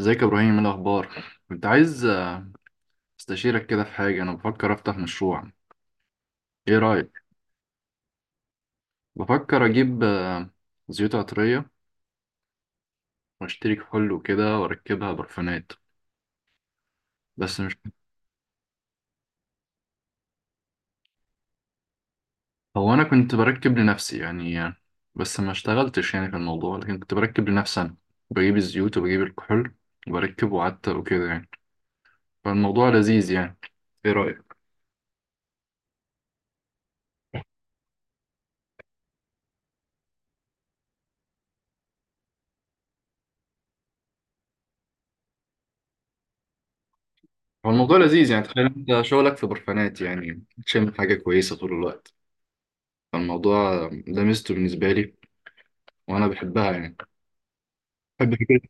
ازيك يا ابراهيم، ايه الاخبار؟ كنت عايز استشيرك كده في حاجه. انا بفكر افتح مشروع، ايه رايك؟ بفكر اجيب زيوت عطريه واشتري كحول وكده واركبها برفانات. بس مش هو انا كنت بركب لنفسي يعني بس ما اشتغلتش يعني في الموضوع، لكن كنت بركب لنفسي انا. بجيب الزيوت وبجيب الكحول وبركب وعتق وكده يعني. فالموضوع لذيذ يعني، ايه رايك؟ هو الموضوع لذيذ يعني، تخيل انت شغلك في برفانات يعني تشم حاجه كويسه طول الوقت. الموضوع ده ميزته بالنسبة لي، وأنا بحبها يعني، بحب فكرة.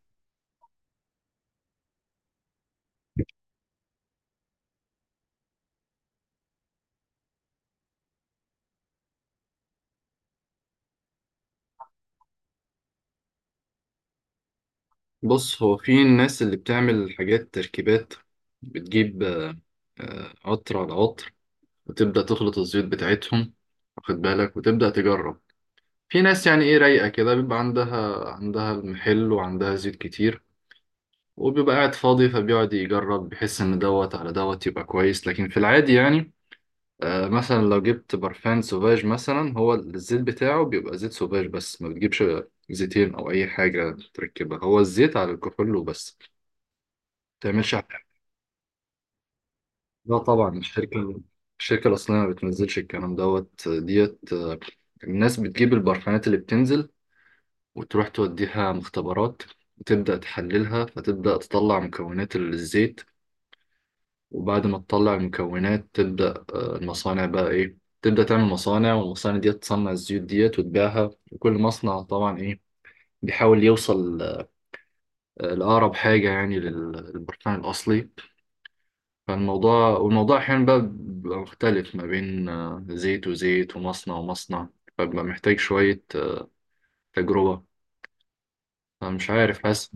بص، هو في الناس اللي بتعمل حاجات تركيبات. بتجيب عطر على عطر وتبدأ تخلط الزيوت بتاعتهم، واخد بالك، وتبدأ تجرب. في ناس يعني إيه رايقة كده، بيبقى عندها المحل وعندها زيوت كتير، وبيبقى قاعد فاضي فبيقعد يجرب، بيحس إن دوت على دوت يبقى كويس. لكن في العادي يعني مثلا لو جبت برفان سوفاج مثلا، هو الزيت بتاعه بيبقى زيت سوفاج. بس ما بتجيبش زيتين او اي حاجه تركبها، هو الزيت على الكحول وبس، ما بتعملش حاجه. لا طبعا، الشركه الاصليه ما بتنزلش الكلام دوت ديت. الناس بتجيب البرفانات اللي بتنزل وتروح توديها مختبرات وتبدا تحللها، فتبدا تطلع مكونات الزيت. وبعد ما تطلع المكونات تبدأ المصانع بقى إيه تبدأ تعمل مصانع، والمصانع دي تصنع الزيوت ديت وتبيعها. وكل مصنع طبعا إيه بيحاول يوصل لأقرب حاجة يعني للبركان الأصلي. والموضوع أحيانا بقى بيبقى مختلف ما بين زيت وزيت ومصنع ومصنع. فبيبقى محتاج شوية تجربة. فمش عارف، حاسس.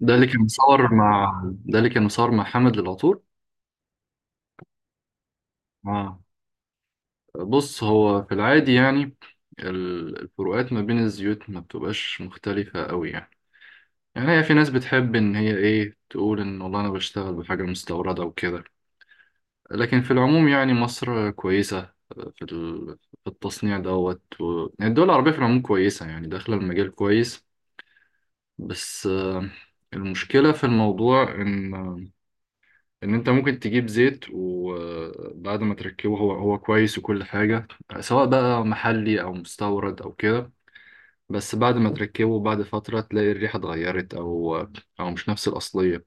ده اللي كان مصور مع حمد للعطور. آه. بص، هو في العادي يعني الفروقات ما بين الزيوت ما بتبقاش مختلفة قوي يعني. يعني هي في ناس بتحب إن هي إيه تقول إن والله أنا بشتغل بحاجة مستوردة وكده. لكن في العموم يعني مصر كويسة في ال- في التصنيع دوت يعني الدول العربية في العموم كويسة، يعني داخلة المجال كويس. بس المشكلة في الموضوع إن أنت ممكن تجيب زيت، وبعد ما تركبه هو كويس وكل حاجة، سواء بقى محلي أو مستورد أو كده. بس بعد ما تركبه بعد فترة تلاقي الريحة اتغيرت، أو مش نفس الأصلية.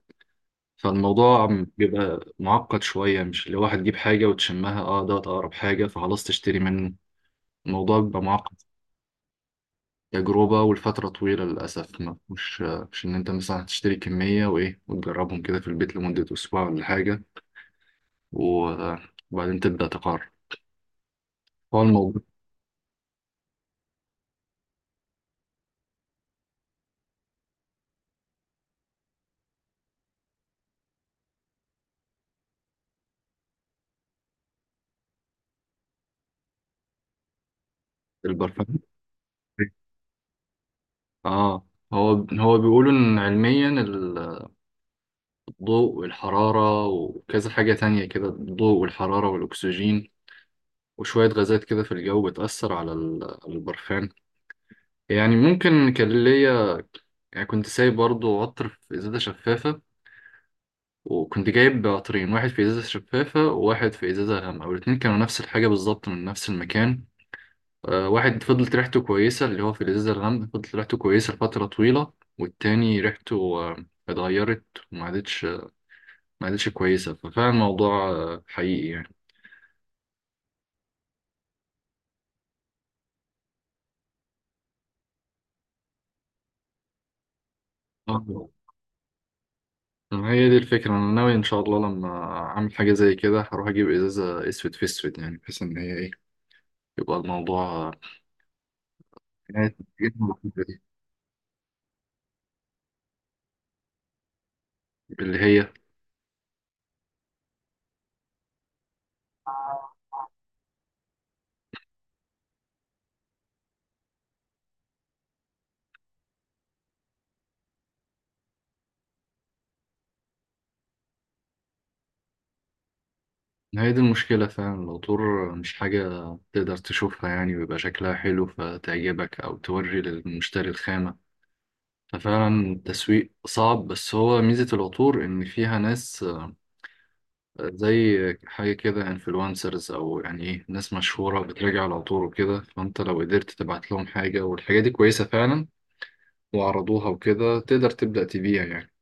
فالموضوع بيبقى معقد شوية، مش اللي واحد يجيب حاجة وتشمها دوت أقرب حاجة فخلاص تشتري منه. الموضوع بيبقى معقد. تجربة، والفترة طويلة للأسف. ما مش مش إن أنت مثلا هتشتري كمية وإيه وتجربهم كده في البيت لمدة أسبوع ولا حاجة، و- وبعدين تبدأ تقرر. هو الموضوع. البرفان. اه، هو هو بيقولوا ان علميا ضوء والحرارة وكذا حاجة تانية كده، الضوء والحرارة والأكسجين وشوية غازات كده في الجو بتأثر على البرفان. يعني ممكن كان ليا يعني، كنت سايب برضو عطر في إزازة شفافة. وكنت جايب عطرين، واحد في إزازة شفافة وواحد في إزازة غامقة، والاتنين كانوا نفس الحاجة بالظبط من نفس المكان. واحد فضلت ريحته كويسة، اللي هو في الإزازة الغامقة فضلت ريحته كويسة لفترة طويلة. والتاني ريحته اتغيرت، وما عادتش ما عادتش كويسة. ففعلا الموضوع حقيقي يعني. آه. هي دي الفكرة، أنا ناوي إن شاء الله لما أعمل حاجة زي كده هروح أجيب إزازة أسود في أسود، يعني بحيث إن هي إيه يبقى الموضوع نهاية- اللي هي، هي دي المشكلة فعلا. العطور مش حاجة تقدر تشوفها يعني ويبقى شكلها حلو فتعجبك أو توري للمشتري الخامة. ففعلا التسويق صعب، بس هو ميزة العطور إن فيها ناس زي حاجة كده انفلونسرز، أو يعني إيه ناس مشهورة بتراجع على طول وكده. فأنت لو قدرت تبعت لهم حاجة والحاجة دي كويسة فعلا وعرضوها وكده، تقدر تبدأ تبيع يعني.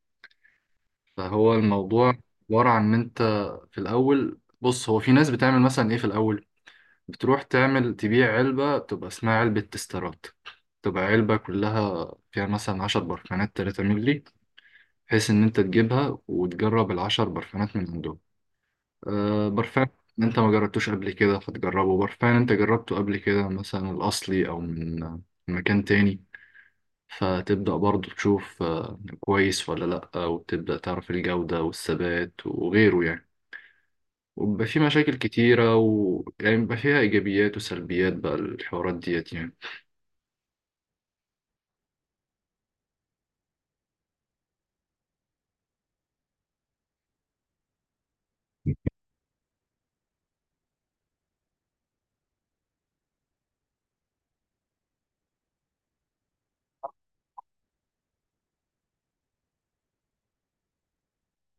فهو الموضوع عبارة عن إن أنت في الأول. بص، هو في ناس بتعمل مثلا إيه في الأول، بتروح تعمل تبيع علبة بتبقى اسمها علبة تسترات. تبقى علبة كلها فيها مثلا 10 برفانات 3 مللي، بحيث إن أنت تجيبها وتجرب العشر برفانات من عندهم. برفان انت ما جربتوش قبل كده فتجربه، برفان انت جربته قبل كده مثلا الاصلي او من مكان تاني. فتبدأ برضو تشوف كويس ولا لأ، وتبدأ تعرف الجودة والثبات وغيره يعني. وبيبقى في مشاكل كتيرة و يعني بيبقى فيها إيجابيات وسلبيات بقى الحوارات ديت يعني.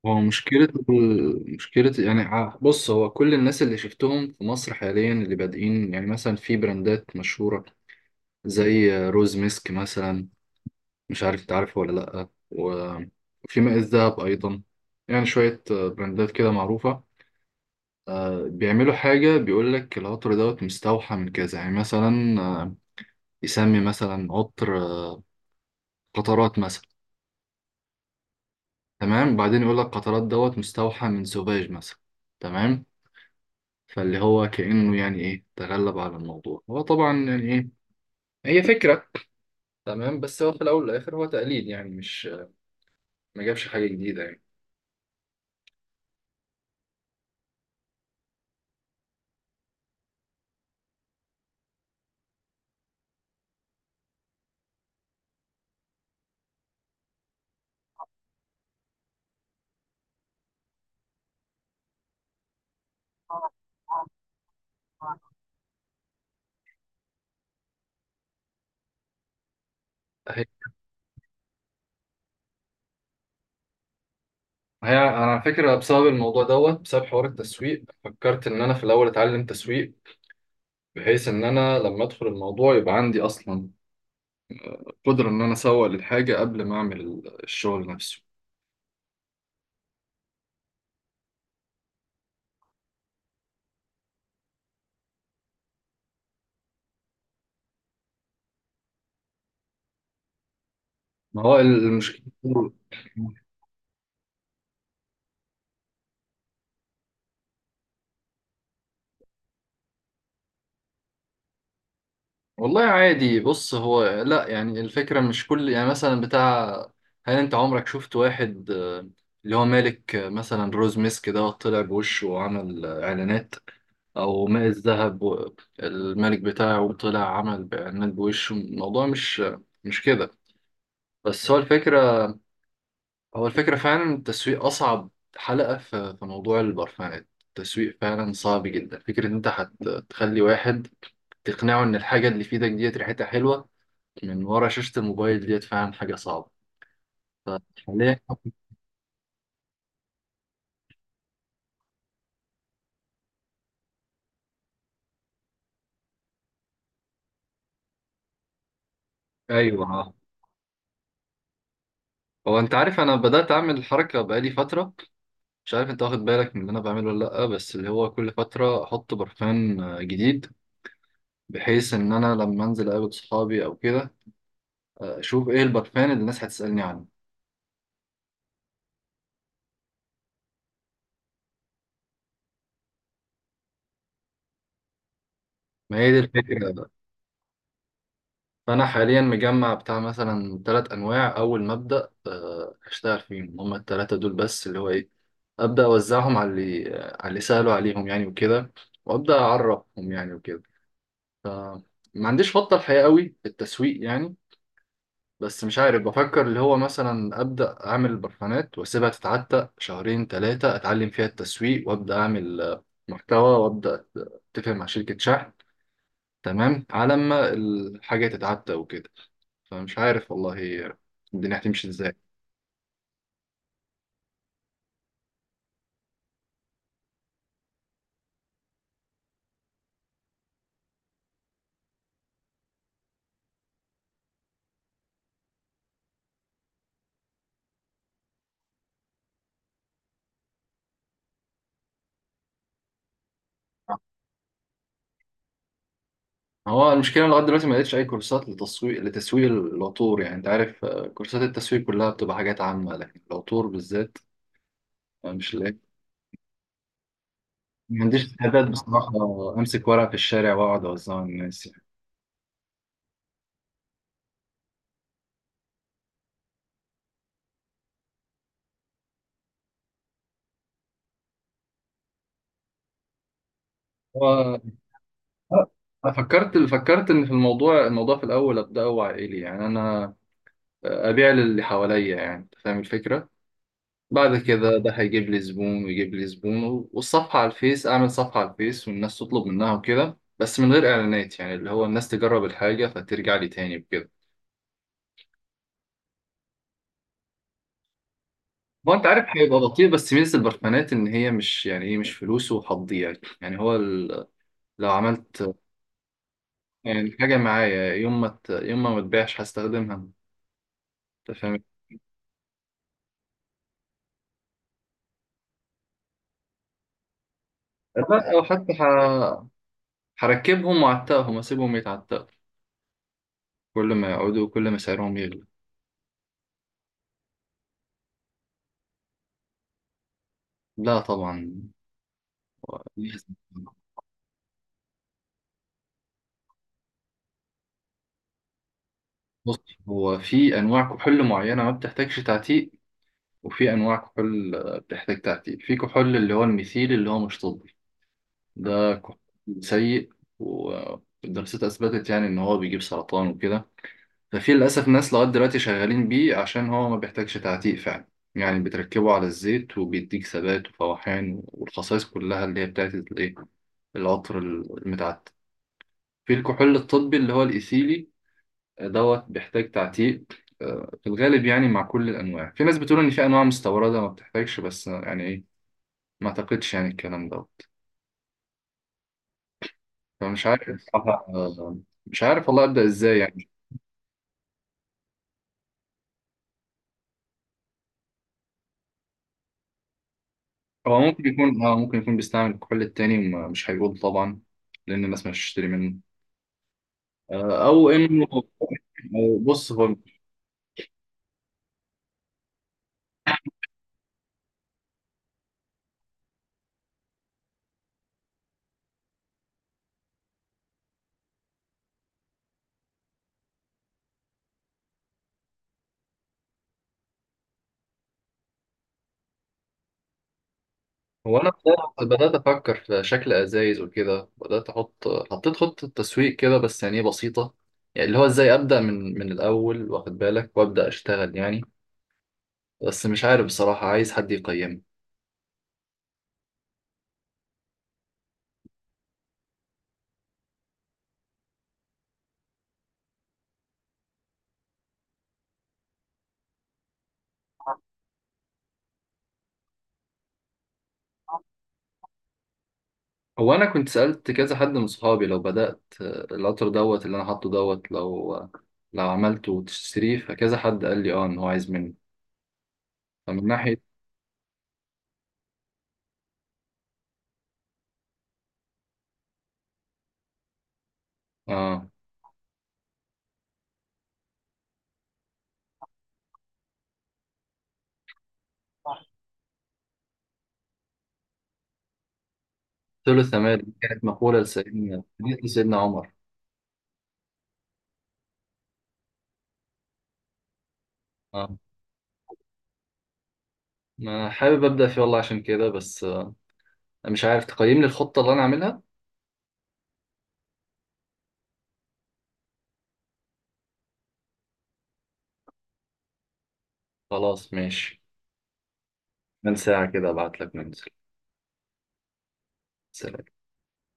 هو مشكلة مشكلة يعني، بص هو كل الناس اللي شفتهم في مصر حاليا اللي بادئين يعني مثلا في براندات مشهورة زي روز ميسك مثلا، مش عارف انت عارفه ولا لأ. وفي ماء الذهب أيضا. يعني شوية براندات كده معروفة. بيعملوا حاجة بيقول لك العطر دوت مستوحى من كذا، يعني مثلا يسمي مثلا عطر قطرات مثلا. تمام، بعدين يقول لك قطرات دوت مستوحى من سوفاج مثلا، تمام. فاللي هو كأنه يعني إيه تغلب على الموضوع، هو طبعا يعني إيه هي فكرة. تمام، بس هو في الأول والآخر هو تقليد يعني، مش ما جابش حاجة جديدة يعني. هي انا على فكره بسبب الموضوع دوت، بسبب حوار التسويق، فكرت ان انا في الاول اتعلم تسويق، بحيث ان انا لما ادخل الموضوع يبقى عندي اصلا قدره ان انا اسوق للحاجه قبل ما اعمل الشغل نفسه. ما هو المشكله. والله عادي، بص هو لا يعني الفكرة مش كل يعني مثلا بتاع، هل انت عمرك شفت واحد اللي هو مالك مثلا روز ميسك ده طلع بوشه وعمل اعلانات، او ماء الذهب الملك بتاعه طلع عمل باعلانات بوشه؟ الموضوع مش كده. بس هو الفكرة، هو الفكرة فعلا التسويق اصعب حلقة في موضوع البرفانات. التسويق فعلا صعب جدا، فكرة ان انت هتخلي واحد تقنعه ان الحاجة اللي في ايدك ديت ريحتها حلوة من ورا شاشة الموبايل ديت فعلا حاجة صعبة. فحاليا. ايوه، ها. هو انت عارف انا بدأت اعمل الحركة بقالي فترة، مش عارف انت واخد بالك من اللي انا بعمله ولا لأ. بس اللي هو كل فترة احط برفان جديد، بحيث ان انا لما انزل اقابل صحابي او كده اشوف ايه البرفان اللي الناس هتسألني عنه. ما هي دي الفكرة. فأنا حاليا مجمع بتاع مثلا 3 أنواع، أول ما أبدأ أشتغل فيهم هما التلاتة دول، بس اللي هو إيه أبدأ أوزعهم على اللي سألوا عليهم يعني وكده، وأبدأ أعرفهم يعني وكده. فما عنديش خطة الحقيقة قوي في التسويق يعني. بس مش عارف، بفكر اللي هو مثلا أبدأ أعمل برفانات وأسيبها تتعتق شهرين تلاتة، أتعلم فيها التسويق وأبدأ أعمل محتوى، وأبدأ أتفق مع شركة شحن، تمام على ما الحاجة تتعتق وكده. فمش عارف والله الدنيا هتمشي ازاي. هو المشكله لغايه دلوقتي ما لقيتش اي كورسات لتسويق العطور، يعني انت عارف كورسات التسويق كلها بتبقى حاجات عامه، لكن العطور بالذات مش لاقي. ما عنديش استعداد بصراحه امسك ورقه في الشارع واقعد اوزعها على الناس يعني. هو أنا فكرت ان في الموضوع، الموضوع في الاول ابداه عائلي يعني. انا ابيع للي حواليا، يعني أنت فاهم الفكره. بعد كذا ده هيجيب لي زبون ويجيب لي زبون، والصفحة على الفيس أعمل صفحة على الفيس والناس تطلب منها وكده، بس من غير إعلانات، يعني اللي هو الناس تجرب الحاجة فترجع لي تاني وكده. هو أنت عارف هيبقى بطيء، بس ميزة البرفانات إن هي مش يعني إيه مش فلوس وهتضيع يعني، يعني لو عملت يعني حاجة معايا، يوم ما يوم ما متبيعش هستخدمها. أنت فاهم. لا، أو حتى هركبهم وأعتقهم، أسيبهم يتعتقوا، كل ما يقعدوا كل ما سعرهم يغلى. لا طبعا، لازم. بص، هو في انواع كحول معينه ما بتحتاجش تعتيق، وفي انواع كحول بتحتاج تعتيق. في كحول اللي هو الميثيل اللي هو مش طبي، ده كحول سيء، والدراسات اثبتت يعني ان هو بيجيب سرطان وكده. ففي للاسف ناس لغايه دلوقتي شغالين بيه عشان هو ما بيحتاجش تعتيق فعلا، يعني بتركبه على الزيت وبيديك ثبات وفواحان والخصائص كلها اللي هي بتاعت الايه العطر المتعتق. في الكحول الطبي اللي هو الايثيلي دوت بيحتاج تعتيق. في الغالب يعني مع كل الأنواع. في ناس بتقول إن في أنواع مستوردة ما بتحتاجش، بس يعني إيه ما أعتقدش يعني الكلام دوت. فمش عارف بصراحة مش عارف والله أبدأ إزاي يعني. هو ممكن يكون بيستعمل الكحول التاني، مش هيقول طبعا لأن الناس مش هتشتري منه. أو إنه أو بص هو. هو انا بدأت افكر في شكل ازايز وكده، بدات احط حطيت خطه تسويق كده، بس يعني إيه بسيطه. يعني اللي هو ازاي ابدا من الاول، واخد بالك، وابدا اشتغل يعني. بس مش عارف بصراحه، عايز حد يقيمني. هو انا كنت سالت كذا حد من صحابي لو بدات القطر دوت اللي انا حاطه دوت، لو عملته وتشتريه، فكذا حد قال لي اه ان هو عايز مني. فمن ناحيه. اه، ثلث مال دي كانت مقوله لسيدنا عمر. اه، ما حابب ابدا فيه والله عشان كده. بس مش عارف تقييم للخطة اللي أنا عاملها. خلاص، ماشي. من ساعة كده أبعت لك ننزل. سلام.